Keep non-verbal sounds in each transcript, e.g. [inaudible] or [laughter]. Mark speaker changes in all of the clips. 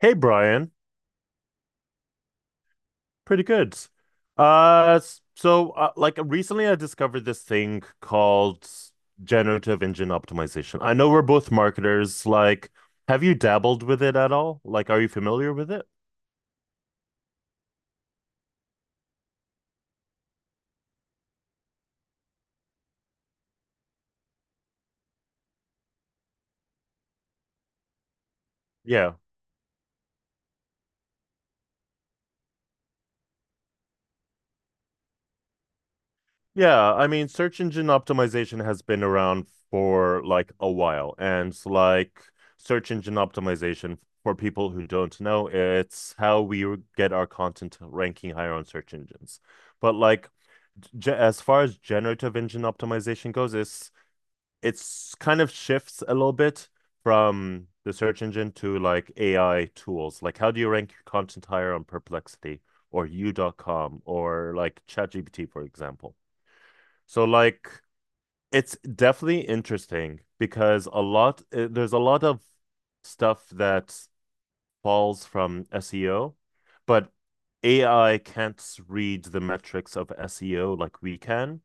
Speaker 1: Hey Brian, pretty good. Like recently I discovered this thing called generative engine optimization. I know we're both marketers. Like, have you dabbled with it at all? Like, are you familiar with it? Yeah. Yeah, I mean, search engine optimization has been around for like a while, and like search engine optimization for people who don't know, it's how we get our content ranking higher on search engines. But like as far as generative engine optimization goes, it's kind of shifts a little bit from the search engine to like AI tools. Like how do you rank your content higher on Perplexity or U.com or like ChatGPT, for example? So like it's definitely interesting because a lot there's a lot of stuff that falls from SEO, but AI can't read the metrics of SEO like we can.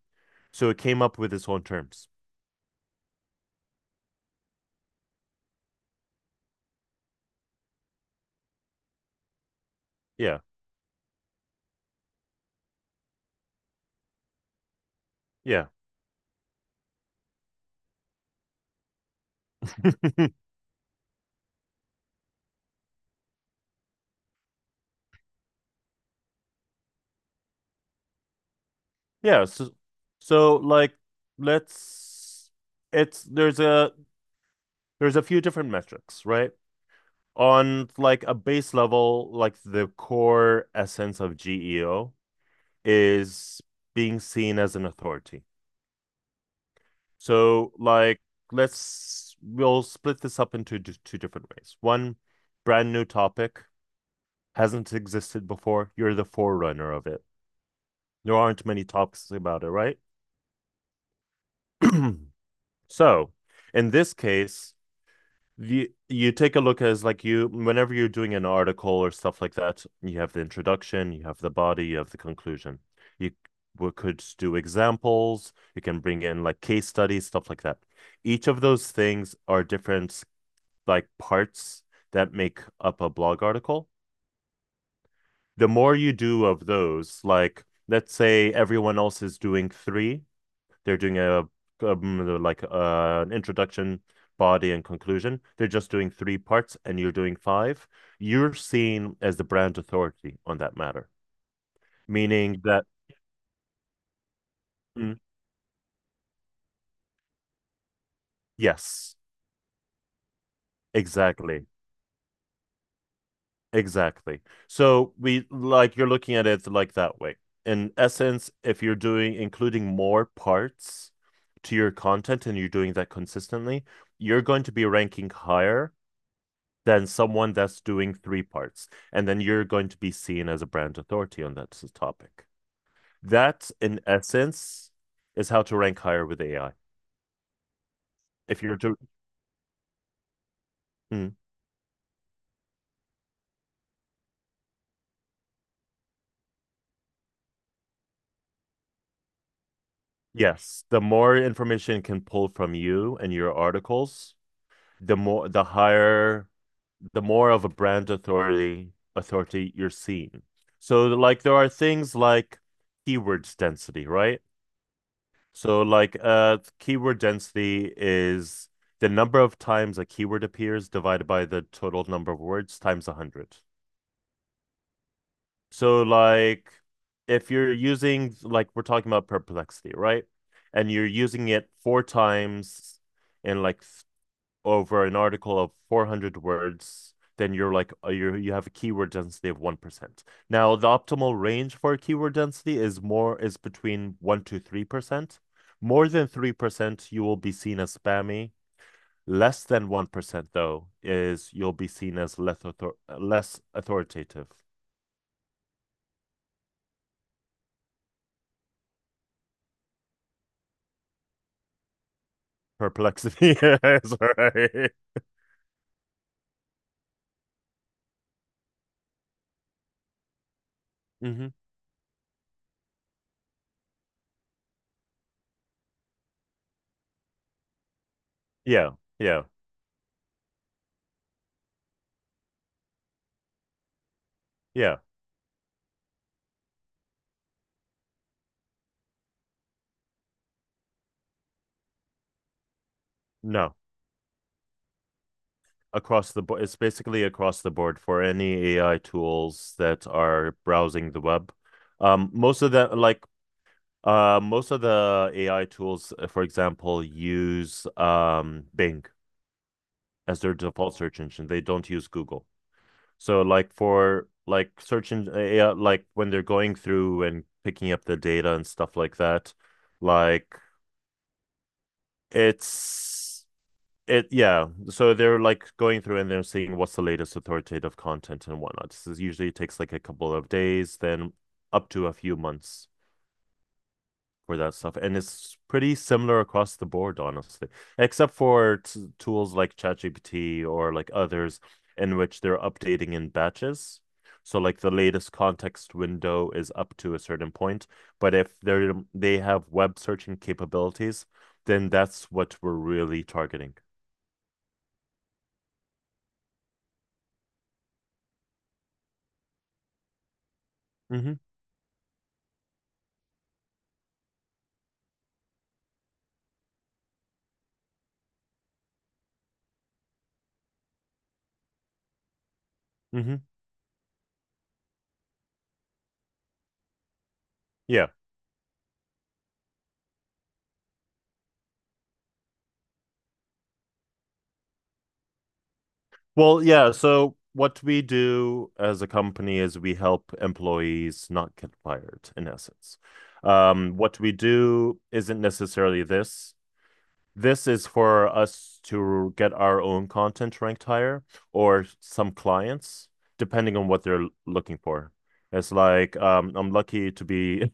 Speaker 1: So it came up with its own terms. Yeah. Yeah. [laughs] yeah. So so like let's it's there's a There's a few different metrics, right? On like a base level, like the core essence of GEO is being seen as an authority. So like let's we'll split this up into two different ways. One brand new topic hasn't existed before. You're the forerunner of it. There aren't many topics about it, right? [clears throat] So, in this case, you take a look as like you whenever you're doing an article or stuff like that, you have the introduction, you have the body, you have the conclusion. You We could do examples, you can bring in like case studies, stuff like that. Each of those things are different like parts that make up a blog article. The more you do of those, like let's say everyone else is doing three, they're doing a, like an introduction, body, and conclusion. They're just doing three parts, and you're doing five. You're seen as the brand authority on that matter, meaning that mm, yes, exactly, exactly. So we like you're looking at it like that way. In essence, if you're doing including more parts to your content and you're doing that consistently, you're going to be ranking higher than someone that's doing three parts. And then you're going to be seen as a brand authority on that topic. That, in essence, is how to rank higher with AI. If you're to, Mm. Yes, the more information it can pull from you and your articles, the more, the higher, the more of a brand authority you're seen. So, like, there are things like keywords density, right? So like keyword density is the number of times a keyword appears divided by the total number of words times 100. So like if you're using like we're talking about perplexity, right? And you're using it four times in like over an article of 400 words, then you're like you have a keyword density of 1%. Now, the optimal range for a keyword density is between 1 to 3%. More than 3%, you will be seen as spammy. Less than 1% though is you'll be seen as less authoritative. Perplexity [laughs] is right. Hmm. Yeah, yeah, yeah. No. Across the board. It's basically across the board for any AI tools that are browsing the web. Um, most of the like Most of the AI tools, for example, use Bing as their default search engine. They don't use Google. So like for like search engine, like when they're going through and picking up the data and stuff like that, like it's it yeah, so they're like going through and they're seeing what's the latest authoritative content and whatnot. This is usually takes like a couple of days then up to a few months for that stuff, and it's pretty similar across the board, honestly, except for tools like ChatGPT or like others in which they're updating in batches. So like the latest context window is up to a certain point, but if they have web searching capabilities, then that's what we're really targeting. Hmm. Hmm. Yeah. Well, yeah. So what we do as a company is we help employees not get fired, in essence. What we do isn't necessarily this. This is for us to get our own content ranked higher or some clients, depending on what they're looking for. It's like I'm lucky to be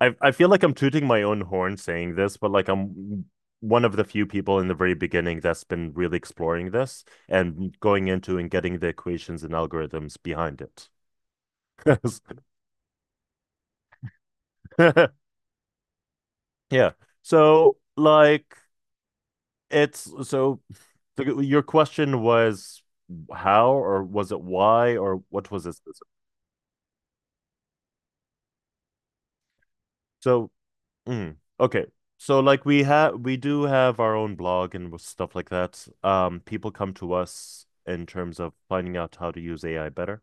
Speaker 1: I feel like I'm tooting my own horn saying this, but like I'm one of the few people in the very beginning that's been really exploring this and going into and getting the equations and algorithms behind it. [laughs] Yeah. So like it's so your question was how, or was it why, or what was this? So mm, okay. So like we do have our own blog and stuff like that. People come to us in terms of finding out how to use AI better.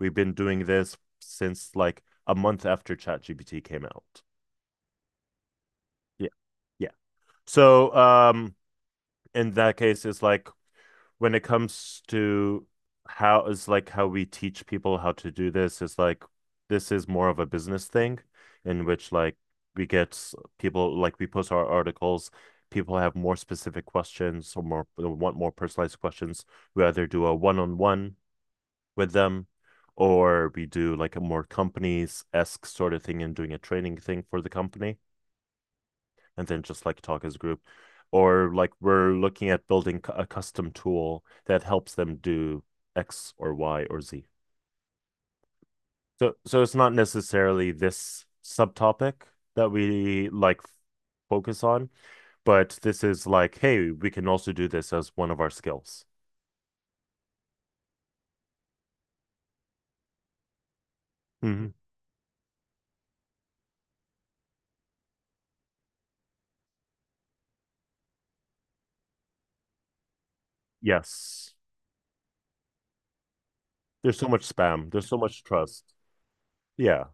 Speaker 1: We've been doing this since like a month after ChatGPT came out. Yeah. Yeah. So um, in that case it's like when it comes to how is like how we teach people how to do this is like this is more of a business thing in which like we get people like we post our articles, people have more specific questions or more want more personalized questions. We either do a one-on-one with them, or we do like a more companies-esque sort of thing and doing a training thing for the company and then just like talk as a group, or like we're looking at building a custom tool that helps them do x or y or z. So it's not necessarily this subtopic that we like focus on, but this is like, hey, we can also do this as one of our skills. Mhm. Yes, there's so much trust. Yeah,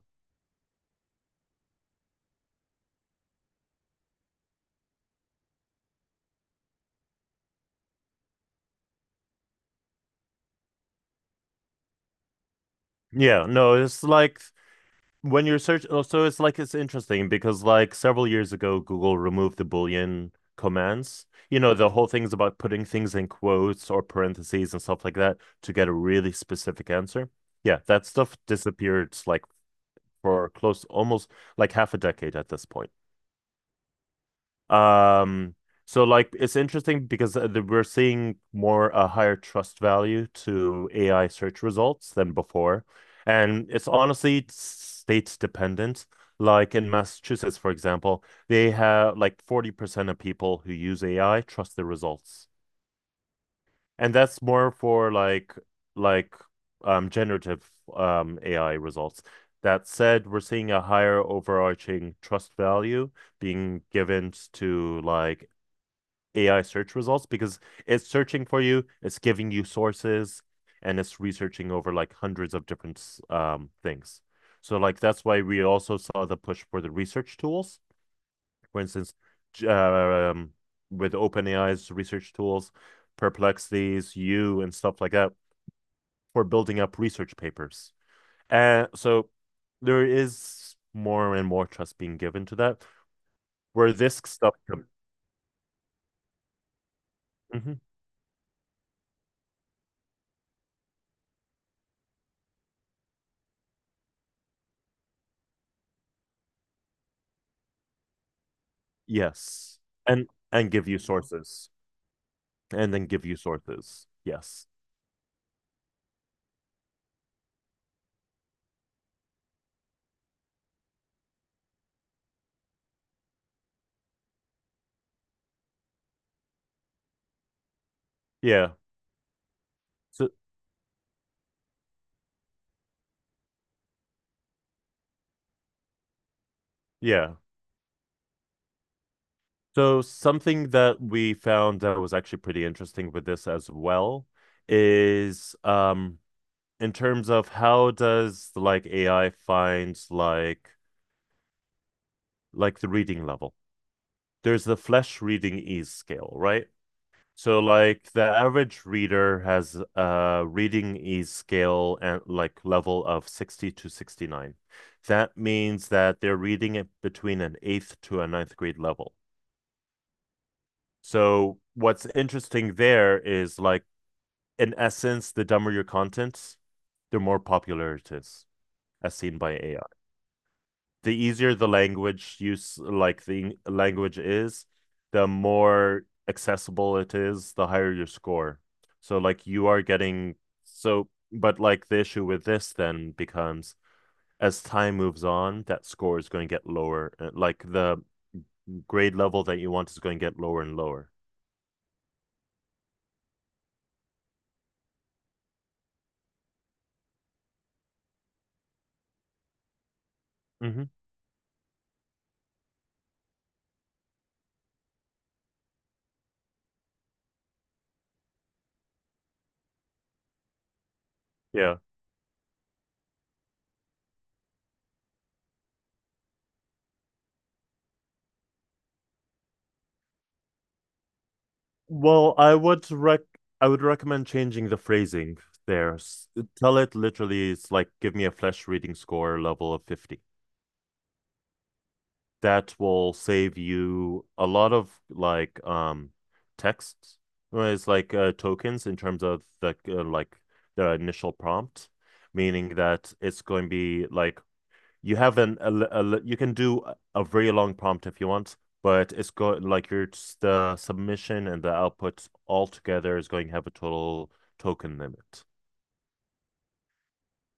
Speaker 1: yeah, no, it's like when you're searching, oh, so it's like it's interesting because like several years ago Google removed the Boolean commands. You know, the whole thing's about putting things in quotes or parentheses and stuff like that to get a really specific answer. Yeah, that stuff disappeared like for close almost like half a decade at this point. Um, so like it's interesting because we're seeing more a higher trust value to AI search results than before, and it's honestly state dependent. Like in Massachusetts, for example, they have like 40% of people who use AI trust the results. And that's more for like like generative AI results. That said, we're seeing a higher overarching trust value being given to like AI search results because it's searching for you, it's giving you sources, and it's researching over like hundreds of different things. So like that's why we also saw the push for the research tools. For instance, j- um, with OpenAI's research tools, Perplexity's you and stuff like that, for building up research papers. And so there is more and more trust being given to that, where this stuff comes. Mm-hmm. Yes. And give you sources. And then give you sources. Yes. Yeah. So yeah. So something that we found that was actually pretty interesting with this as well is in terms of how does like AI find like the reading level. There's the flesh reading ease scale, right? So like the average reader has a reading ease scale and like level of 60 to 69. That means that they're reading it between an eighth to a ninth grade level. So what's interesting there is like in essence, the dumber your content, the more popular it is, as seen by AI. The easier the language is, the more accessible it is, the higher your score. So like you are getting but like the issue with this then becomes as time moves on, that score is going to get lower. Like the grade level that you want is going to get lower and lower. Hmm. Yeah. Well, I would recommend changing the phrasing there. Tell it literally, it's like, give me a flesh reading score level of 50. That will save you a lot of like texts, whereas like tokens in terms of the the initial prompt, meaning that it's going to be like you have an a, you can do a very long prompt if you want, but it's going like your the submission and the output all together is going to have a total token limit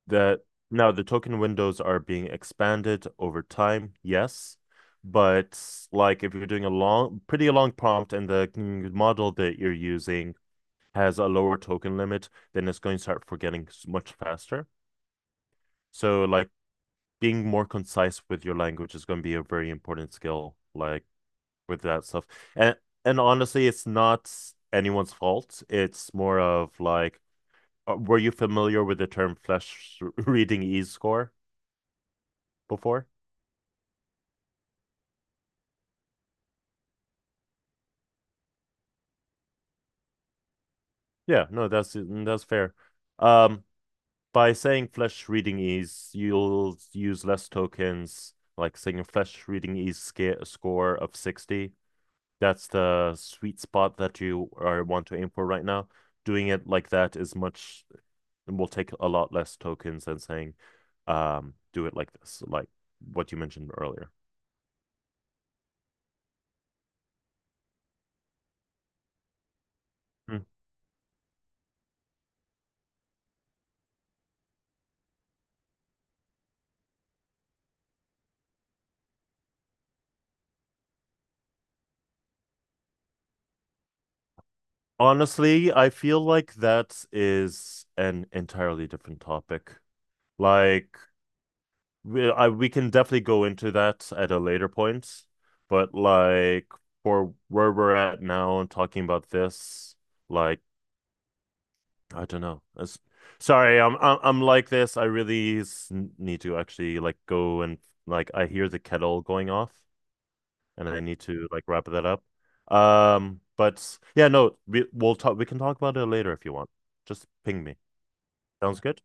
Speaker 1: that now. The token windows are being expanded over time, yes. But like if you're doing a pretty long prompt and the model that you're using has a lower token limit, then it's going to start forgetting much faster. So like being more concise with your language is going to be a very important skill, like with that stuff. And and honestly, it's not anyone's fault. It's more of like, were you familiar with the term flash reading E score before? Yeah, no, that's that's fair. Um, by saying flesh reading ease, you'll use less tokens, like saying a flesh reading ease score of 60. That's the sweet spot that you are want to aim for right now. Doing it like that is much will take a lot less tokens than saying do it like this, like what you mentioned earlier. Hmm. Honestly, I feel like that is an entirely different topic. Like we can definitely go into that at a later point, but like for where we're at now and talking about this, like I don't know. Sorry, I'm like this. I really need to actually like go and I hear the kettle going off, and I need to like wrap that up. But yeah, no, we'll talk. We can talk about it later if you want. Just ping me. Sounds good.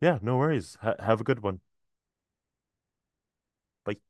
Speaker 1: Yeah, no worries. Ha Have a good one. Bye.